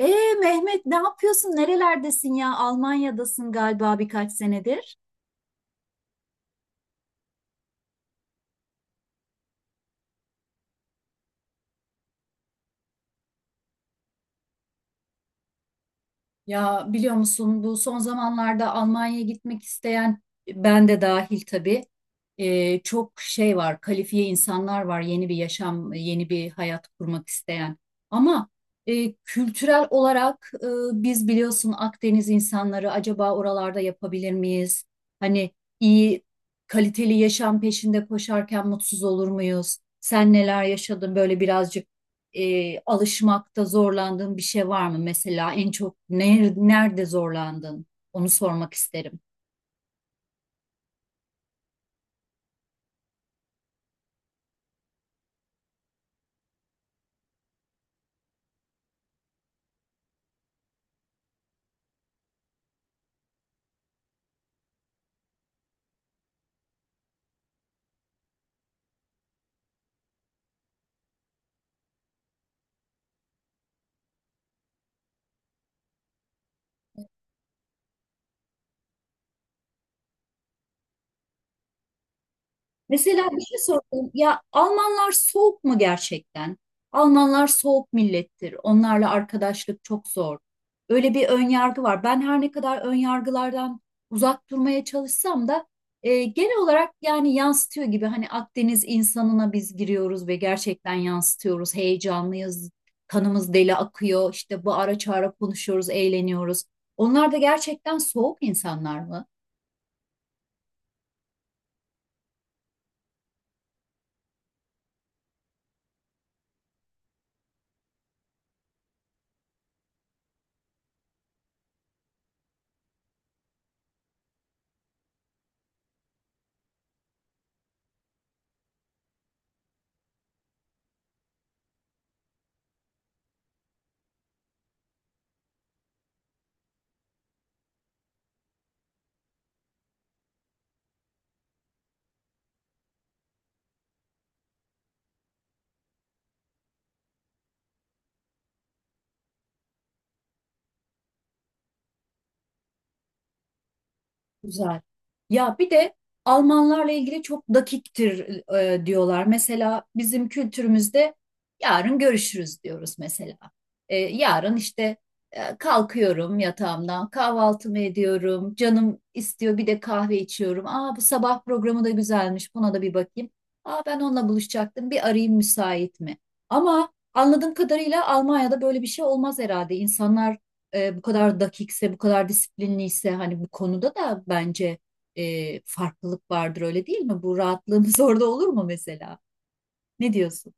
Ee Mehmet, ne yapıyorsun? Nerelerdesin ya? Almanya'dasın galiba birkaç senedir. Ya, biliyor musun, bu son zamanlarda Almanya'ya gitmek isteyen, ben de dahil tabii, çok şey var, kalifiye insanlar var, yeni bir yaşam, yeni bir hayat kurmak isteyen. Ama kültürel olarak, biz biliyorsun Akdeniz insanları, acaba oralarda yapabilir miyiz? Hani iyi kaliteli yaşam peşinde koşarken mutsuz olur muyuz? Sen neler yaşadın böyle? Birazcık alışmakta zorlandığın bir şey var mı? Mesela en çok nerede zorlandın? Onu sormak isterim. Mesela bir şey sorayım. Ya, Almanlar soğuk mu gerçekten? Almanlar soğuk millettir. Onlarla arkadaşlık çok zor. Öyle bir ön yargı var. Ben her ne kadar ön yargılardan uzak durmaya çalışsam da genel olarak yani yansıtıyor gibi, hani Akdeniz insanına biz giriyoruz ve gerçekten yansıtıyoruz. Heyecanlıyız. Kanımız deli akıyor. İşte bu ara çağıra konuşuyoruz, eğleniyoruz. Onlar da gerçekten soğuk insanlar mı? Güzel. Ya, bir de Almanlarla ilgili çok dakiktir diyorlar. Mesela bizim kültürümüzde yarın görüşürüz diyoruz mesela. Yarın işte, kalkıyorum yatağımdan, kahvaltımı ediyorum, canım istiyor, bir de kahve içiyorum. Aa, bu sabah programı da güzelmiş, buna da bir bakayım. Aa, ben onunla buluşacaktım, bir arayayım müsait mi? Ama anladığım kadarıyla Almanya'da böyle bir şey olmaz herhalde. İnsanlar bu kadar dakikse, bu kadar disiplinliyse, hani bu konuda da bence farklılık vardır, öyle değil mi? Bu rahatlığımız orada olur mu mesela? Ne diyorsun?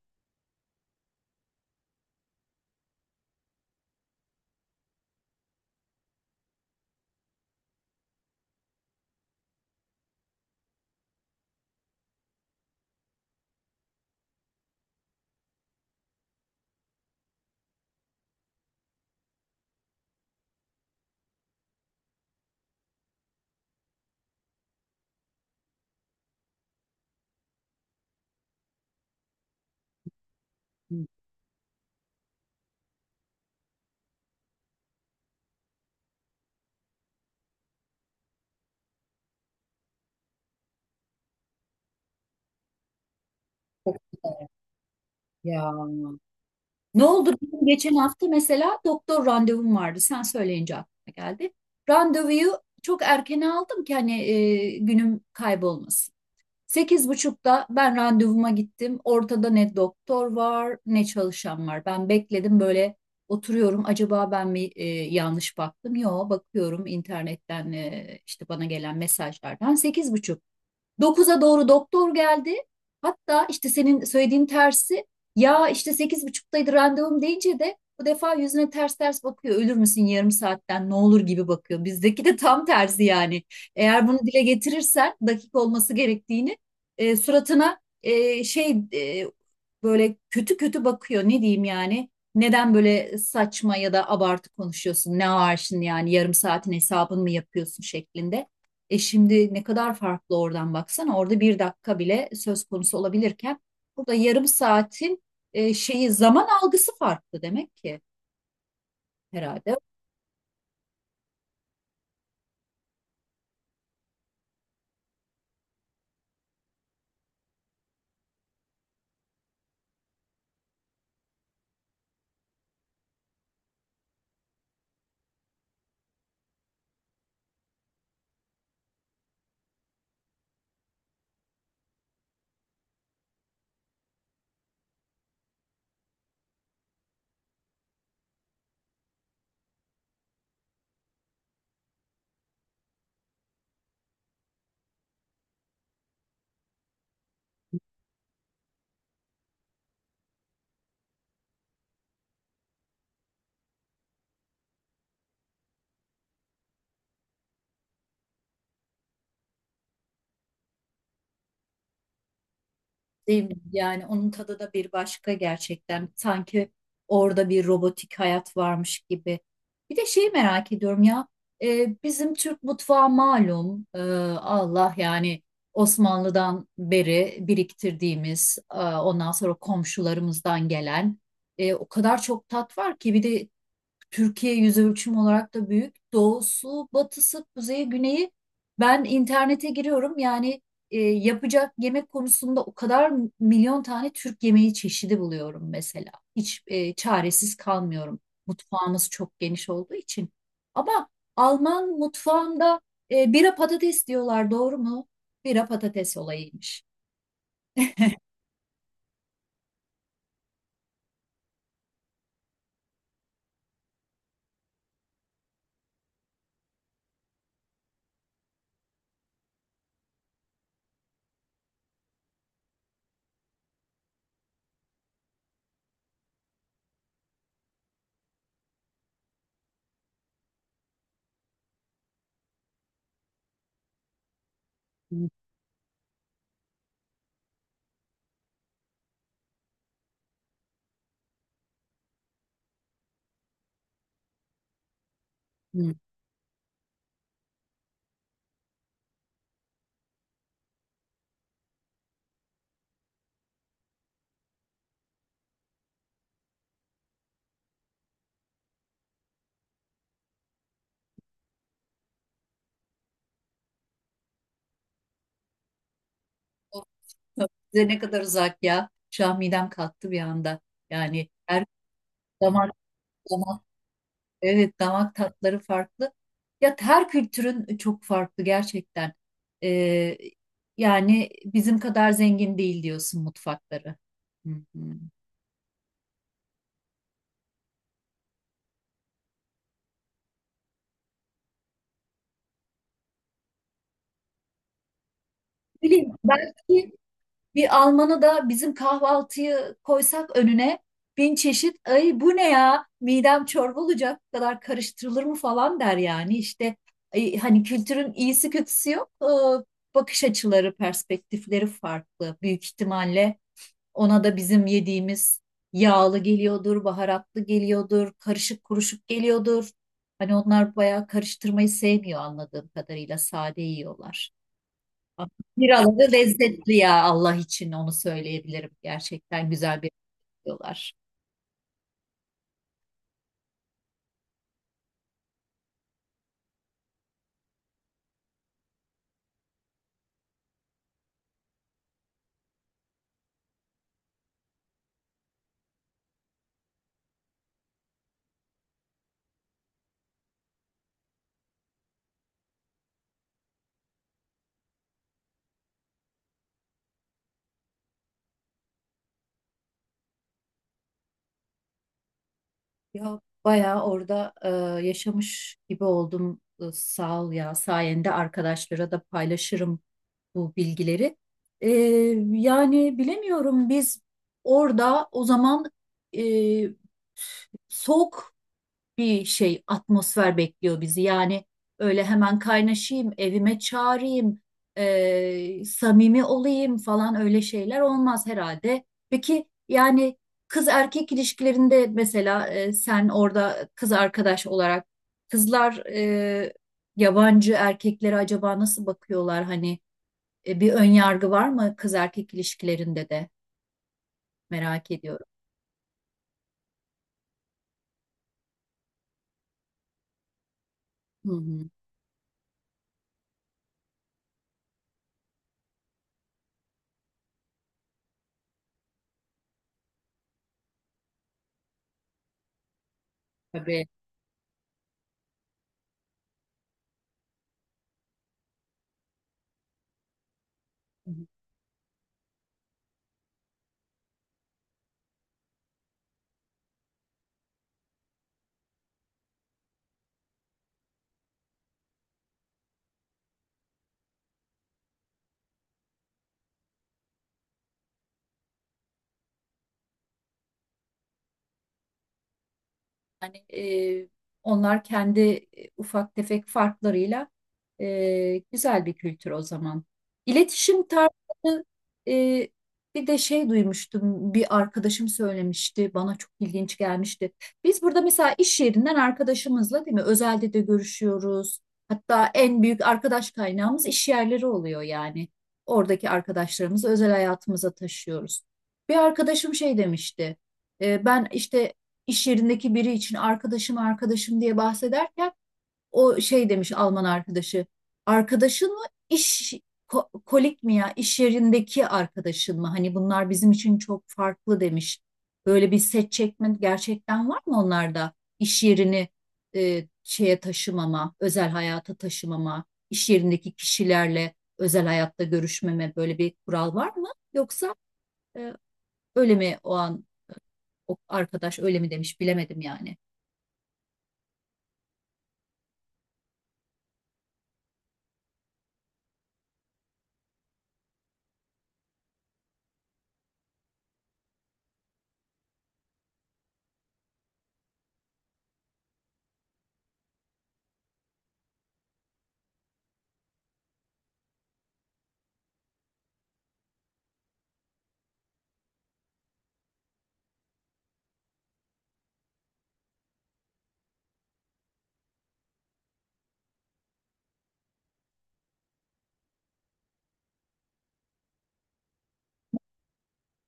Hı. Çok güzel. Ya, ne oldu? Benim geçen hafta mesela doktor randevum vardı. Sen söyleyince aklıma geldi. Randevuyu çok erken aldım ki hani günüm kaybolmasın. 8.30'da ben randevuma gittim. Ortada ne doktor var ne çalışan var. Ben bekledim, böyle oturuyorum. Acaba ben mi yanlış baktım? Yo, bakıyorum internetten, işte bana gelen mesajlardan. 8.30. 9'a doğru doktor geldi. Hatta işte senin söylediğin tersi. Ya işte 8.30'daydı randevum deyince de bu defa yüzüne ters ters bakıyor. Ölür müsün, yarım saatten ne olur gibi bakıyor. Bizdeki de tam tersi yani. Eğer bunu dile getirirsen dakik olması gerektiğini, suratına, böyle kötü kötü bakıyor. Ne diyeyim yani? Neden böyle saçma ya da abartı konuşuyorsun? Ne var yani, yarım saatin hesabını mı yapıyorsun şeklinde. Şimdi ne kadar farklı, oradan baksana. Orada bir dakika bile söz konusu olabilirken burada yarım saatin e, şeyi zaman algısı farklı, demek ki herhalde. Değil mi? Yani onun tadı da bir başka gerçekten. Sanki orada bir robotik hayat varmış gibi. Bir de şeyi merak ediyorum ya. Bizim Türk mutfağı malum. Allah, yani Osmanlı'dan beri biriktirdiğimiz, ondan sonra komşularımızdan gelen, o kadar çok tat var ki, bir de Türkiye yüz ölçümü olarak da büyük. Doğusu, batısı, kuzeyi, güneyi. Ben internete giriyorum. Yani yapacak yemek konusunda o kadar milyon tane Türk yemeği çeşidi buluyorum mesela. Hiç çaresiz kalmıyorum. Mutfağımız çok geniş olduğu için. Ama Alman mutfağında bira patates diyorlar, doğru mu? Bira patates olayıymış. Hı hı. Size ne kadar uzak ya. Şu an midem kalktı bir anda. Yani her zaman. Evet, damak tatları farklı. Ya, her kültürün çok farklı gerçekten. Ee, Yani bizim kadar zengin değil diyorsun mutfakları. Hı hı. Bileyim, belki bir Alman'a da bizim kahvaltıyı koysak önüne, bin çeşit, ay bu ne ya, midem çorba olacak, bu kadar karıştırılır mı falan der yani işte. Ay, hani kültürün iyisi kötüsü yok. Bakış açıları, perspektifleri farklı, büyük ihtimalle. Ona da bizim yediğimiz yağlı geliyordur, baharatlı geliyordur, karışık kuruşuk geliyordur. Hani onlar bayağı karıştırmayı sevmiyor, anladığım kadarıyla sade yiyorlar. Ama biraları lezzetli ya, Allah için onu söyleyebilirim. Gerçekten güzel bir yiyorlar. Ya, bayağı orada yaşamış gibi oldum. Sağ ol ya, sayende arkadaşlara da paylaşırım bu bilgileri. Ee, Yani bilemiyorum, biz orada o zaman e, soğuk bir şey, atmosfer bekliyor bizi. Yani öyle hemen kaynaşayım, evime çağırayım, samimi olayım falan, öyle şeyler olmaz herhalde. Peki yani, kız erkek ilişkilerinde mesela sen orada kız arkadaş olarak, kızlar yabancı erkeklere acaba nasıl bakıyorlar hani? Bir ön yargı var mı kız erkek ilişkilerinde de, merak ediyorum. Hı hı. Tabii. Yani onlar kendi ufak tefek farklarıyla, güzel bir kültür o zaman. İletişim tarzı. E, bir de şey duymuştum, bir arkadaşım söylemişti, bana çok ilginç gelmişti. Biz burada mesela iş yerinden arkadaşımızla, değil mi, özelde de görüşüyoruz. Hatta en büyük arkadaş kaynağımız iş yerleri oluyor yani. Oradaki arkadaşlarımızı özel hayatımıza taşıyoruz. Bir arkadaşım şey demişti. Ben işte iş yerindeki biri için arkadaşım arkadaşım diye bahsederken o şey demiş Alman arkadaşı. Arkadaşın mı, iş kolik mi ya, iş yerindeki arkadaşın mı? Hani bunlar bizim için çok farklı demiş. Böyle bir set çekme gerçekten var mı onlarda? İş yerini şeye taşımama, özel hayata taşımama, iş yerindeki kişilerle özel hayatta görüşmeme, böyle bir kural var mı? Yoksa e, öyle mi, o an o arkadaş öyle mi demiş, bilemedim yani.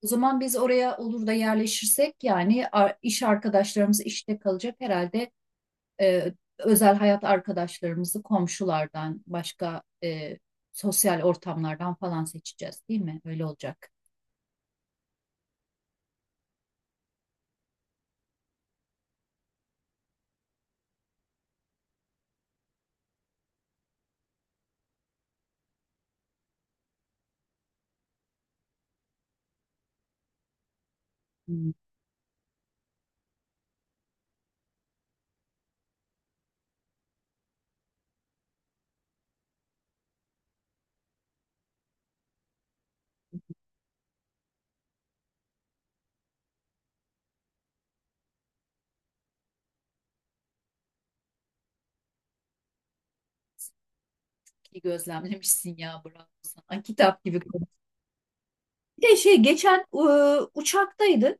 O zaman biz oraya olur da yerleşirsek, yani iş arkadaşlarımız işte kalacak herhalde, e, özel hayat arkadaşlarımızı komşulardan başka, sosyal ortamlardan falan seçeceğiz, değil mi? Öyle olacak. Hmm. İyi gözlemlemişsin ya, bravo sana. Kitap gibi konu. Bir de geçen uçaktaydık.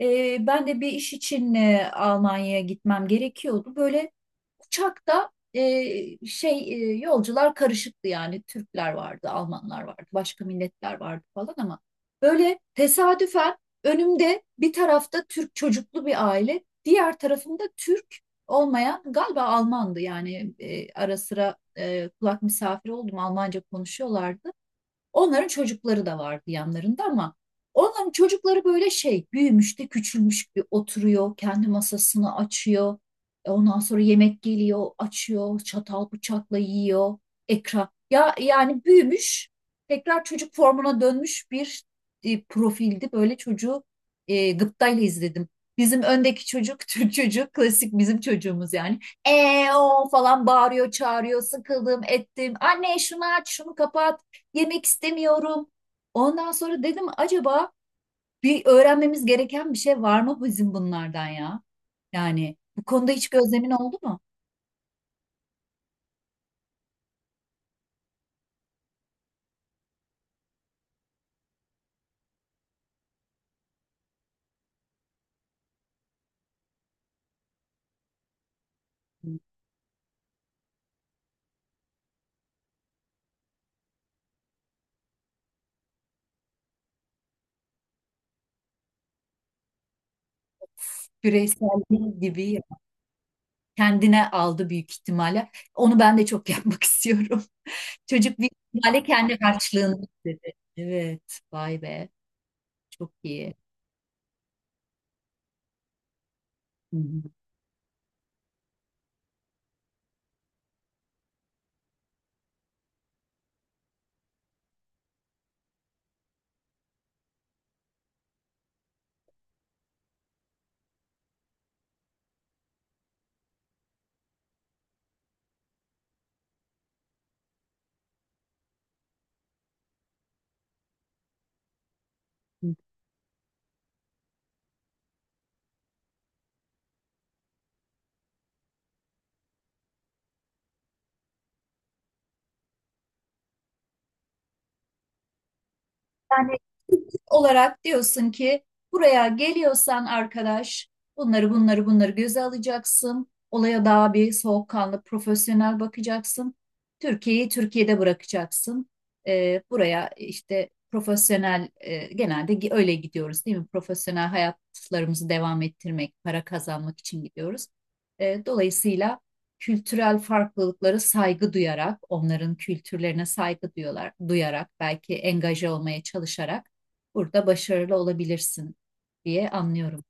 Ben de bir iş için Almanya'ya gitmem gerekiyordu. Böyle uçakta, yolcular karışıktı, yani Türkler vardı, Almanlar vardı, başka milletler vardı falan. Ama böyle tesadüfen önümde, bir tarafta Türk çocuklu bir aile, diğer tarafında Türk olmayan, galiba Almandı yani, ara sıra kulak misafiri oldum, Almanca konuşuyorlardı. Onların çocukları da vardı yanlarında ama onların çocukları böyle, büyümüş de küçülmüş gibi oturuyor. Kendi masasını açıyor. Ondan sonra yemek geliyor, açıyor, çatal bıçakla yiyor. Ekran. Ya yani, büyümüş, tekrar çocuk formuna dönmüş bir profildi. Böyle çocuğu gıptayla izledim. Bizim öndeki çocuk, Türk çocuğu, klasik bizim çocuğumuz yani. E O falan bağırıyor, çağırıyor, sıkıldım ettim. Anne şunu aç, şunu kapat, yemek istemiyorum. Ondan sonra dedim, acaba bir öğrenmemiz gereken bir şey var mı bizim bunlardan ya? Yani bu konuda hiç gözlemin oldu mu? Bireyselliği gibi ya. Kendine aldı büyük ihtimalle. Onu ben de çok yapmak istiyorum. Çocuk büyük ihtimalle kendi harçlığını istedi. Evet, vay be, çok iyi. Hı hı. Olarak diyorsun ki buraya geliyorsan arkadaş, bunları bunları bunları göze alacaksın. Olaya daha bir soğukkanlı, profesyonel bakacaksın. Türkiye'yi Türkiye'de bırakacaksın. Buraya işte profesyonel, genelde öyle gidiyoruz değil mi? Profesyonel hayatlarımızı devam ettirmek, para kazanmak için gidiyoruz. Dolayısıyla kültürel farklılıklara saygı duyarak, onların kültürlerine saygı duyuyorlar, duyarak, belki engaje olmaya çalışarak burada başarılı olabilirsin diye anlıyorum.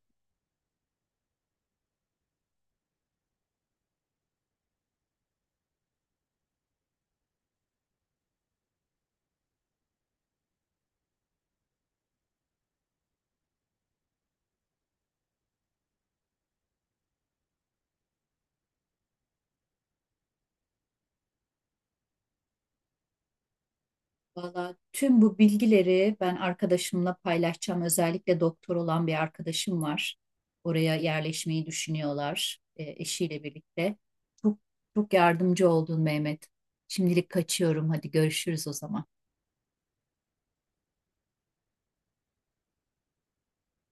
Valla tüm bu bilgileri ben arkadaşımla paylaşacağım. Özellikle doktor olan bir arkadaşım var. Oraya yerleşmeyi düşünüyorlar eşiyle birlikte. Çok çok yardımcı oldun Mehmet. Şimdilik kaçıyorum. Hadi görüşürüz o zaman.